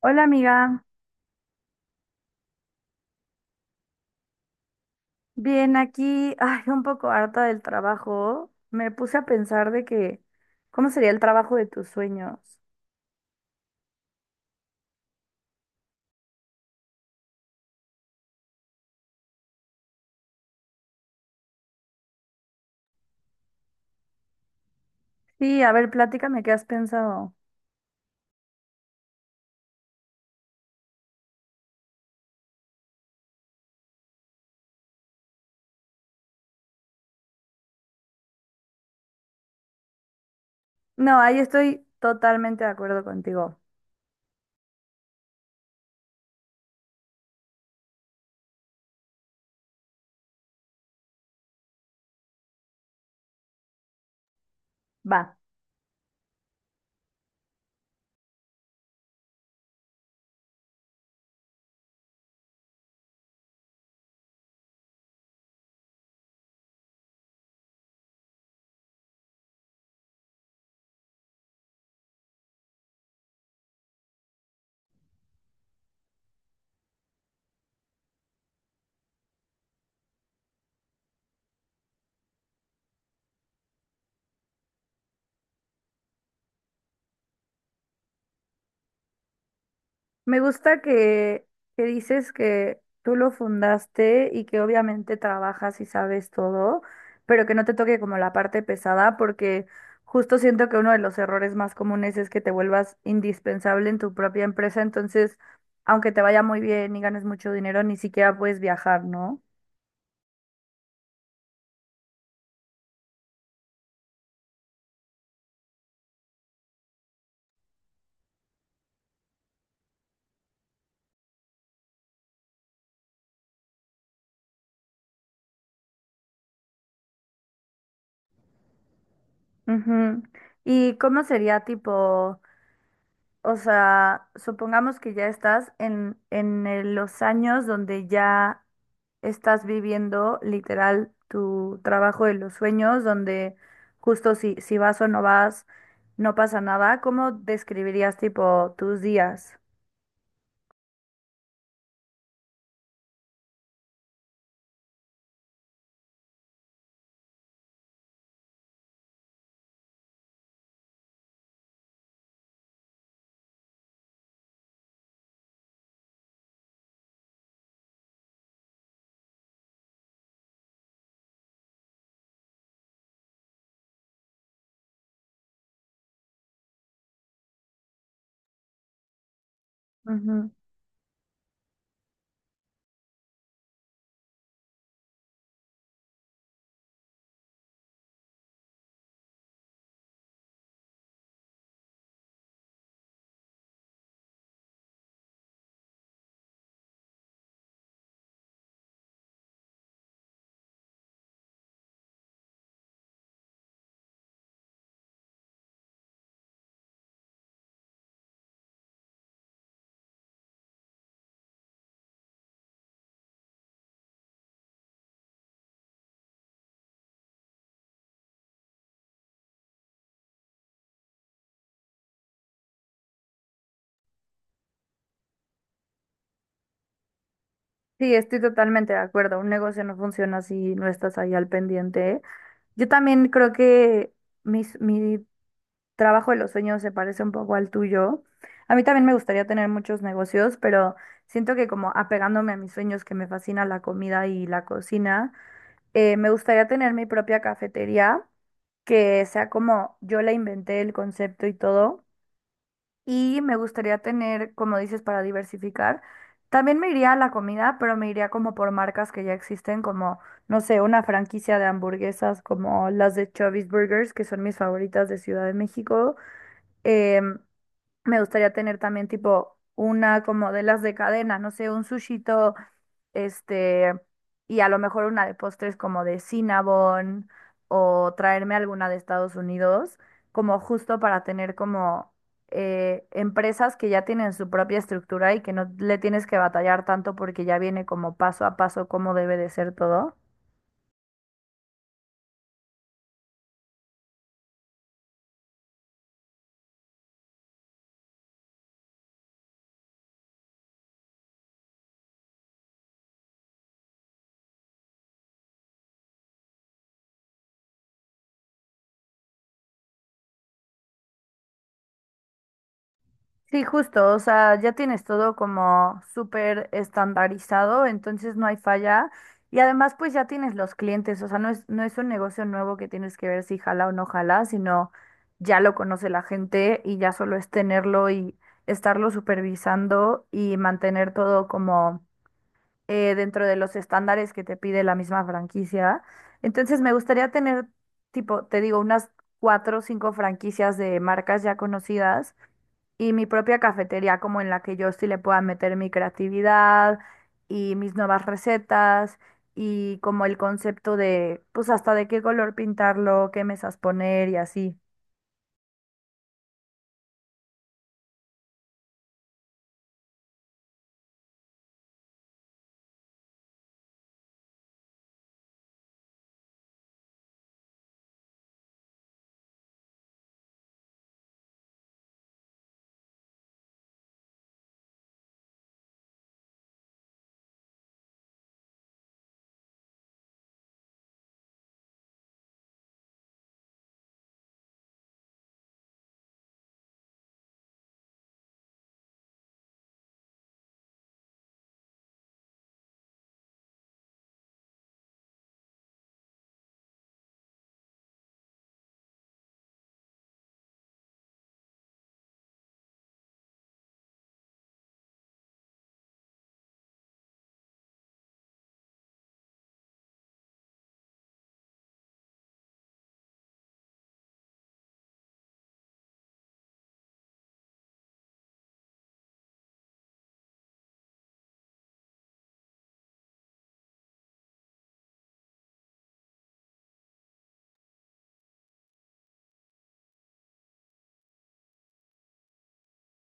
Hola amiga, bien aquí, ay, un poco harta del trabajo. Me puse a pensar de que, ¿cómo sería el trabajo de tus sueños? Sí, a ver, platícame qué has pensado. No, ahí estoy totalmente de acuerdo contigo. Va. Me gusta que dices que tú lo fundaste y que obviamente trabajas y sabes todo, pero que no te toque como la parte pesada, porque justo siento que uno de los errores más comunes es que te vuelvas indispensable en tu propia empresa, entonces, aunque te vaya muy bien y ganes mucho dinero, ni siquiera puedes viajar, ¿no? Ujú. ¿Y cómo sería tipo? O sea, supongamos que ya estás en los años donde ya estás viviendo literal tu trabajo de los sueños, donde justo si vas o no vas, no pasa nada. ¿Cómo describirías tipo tus días? Ujú. Sí, estoy totalmente de acuerdo. Un negocio no funciona si no estás ahí al pendiente. Yo también creo que mi trabajo de los sueños se parece un poco al tuyo. A mí también me gustaría tener muchos negocios, pero siento que como apegándome a mis sueños que me fascina la comida y la cocina, me gustaría tener mi propia cafetería que sea como yo la inventé el concepto y todo. Y me gustaría tener, como dices, para diversificar. También me iría a la comida, pero me iría como por marcas que ya existen, como, no sé, una franquicia de hamburguesas como las de Chubby's Burgers, que son mis favoritas de Ciudad de México. eh, me gustaría tener también tipo una como de las de cadenas, no sé, un sushito, este, y a lo mejor una de postres como de Cinnabon o traerme alguna de Estados Unidos, como justo para tener como empresas que ya tienen su propia estructura y que no le tienes que batallar tanto porque ya viene como paso a paso cómo debe de ser todo. Sí, justo, o sea, ya tienes todo como súper estandarizado, entonces no hay falla. Y además, pues ya tienes los clientes, o sea, no es un negocio nuevo que tienes que ver si jala o no jala, sino ya lo conoce la gente y ya solo es tenerlo y estarlo supervisando y mantener todo como dentro de los estándares que te pide la misma franquicia. Entonces, me gustaría tener, tipo, te digo, unas cuatro o cinco franquicias de marcas ya conocidas y mi propia cafetería como en la que yo sí le pueda meter mi creatividad y mis nuevas recetas y como el concepto de pues hasta de qué color pintarlo, qué mesas poner y así.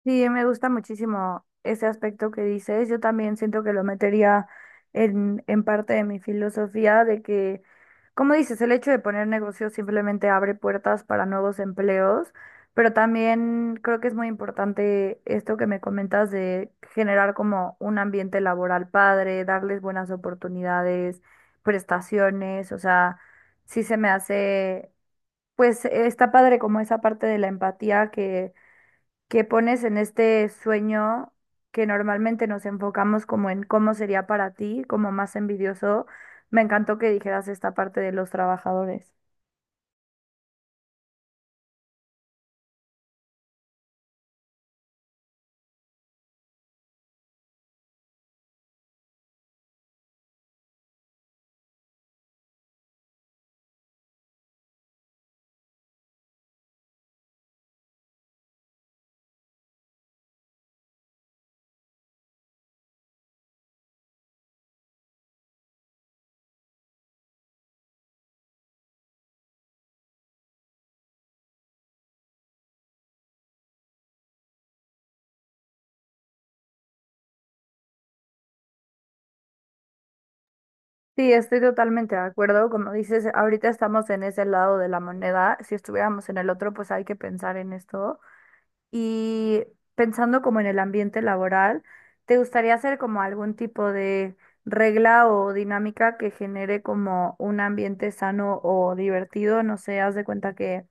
Sí, me gusta muchísimo ese aspecto que dices. Yo también siento que lo metería en parte de mi filosofía de que, como dices, el hecho de poner negocios simplemente abre puertas para nuevos empleos, pero también creo que es muy importante esto que me comentas de generar como un ambiente laboral padre, darles buenas oportunidades, prestaciones, o sea, sí se me hace, pues está padre como esa parte de la empatía que pones en este sueño que normalmente nos enfocamos como en cómo sería para ti, como más envidioso. Me encantó que dijeras esta parte de los trabajadores. Sí, estoy totalmente de acuerdo. Como dices, ahorita estamos en ese lado de la moneda. Si estuviéramos en el otro, pues hay que pensar en esto. Y pensando como en el ambiente laboral, ¿te gustaría hacer como algún tipo de regla o dinámica que genere como un ambiente sano o divertido? No sé, haz de cuenta que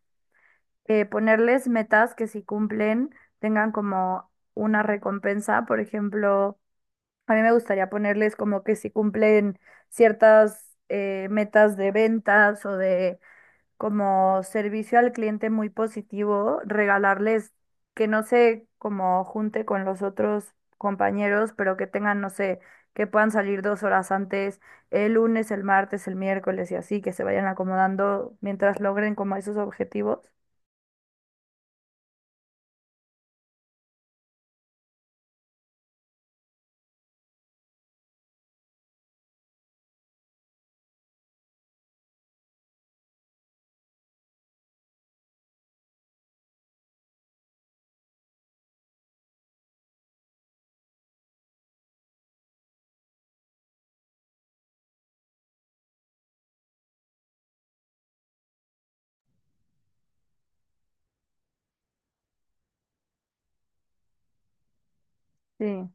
ponerles metas que si cumplen tengan como una recompensa. Por ejemplo, a mí me gustaría ponerles como que si cumplen ciertas metas de ventas o de como servicio al cliente muy positivo, regalarles que no se como junte con los otros compañeros, pero que tengan, no sé, que puedan salir 2 horas antes, el lunes, el martes, el miércoles y así, que se vayan acomodando mientras logren como esos objetivos. Sí.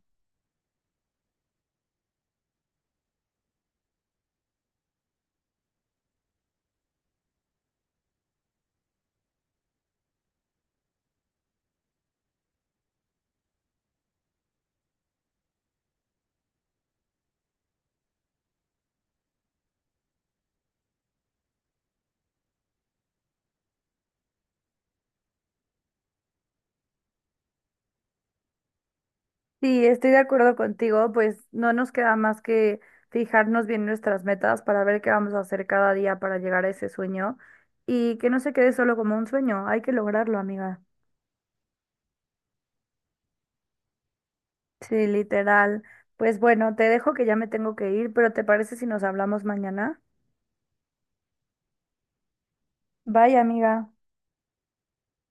Sí, estoy de acuerdo contigo, pues no nos queda más que fijarnos bien nuestras metas para ver qué vamos a hacer cada día para llegar a ese sueño y que no se quede solo como un sueño, hay que lograrlo, amiga. Sí, literal. Pues bueno, te dejo que ya me tengo que ir, pero ¿te parece si nos hablamos mañana? Bye, amiga.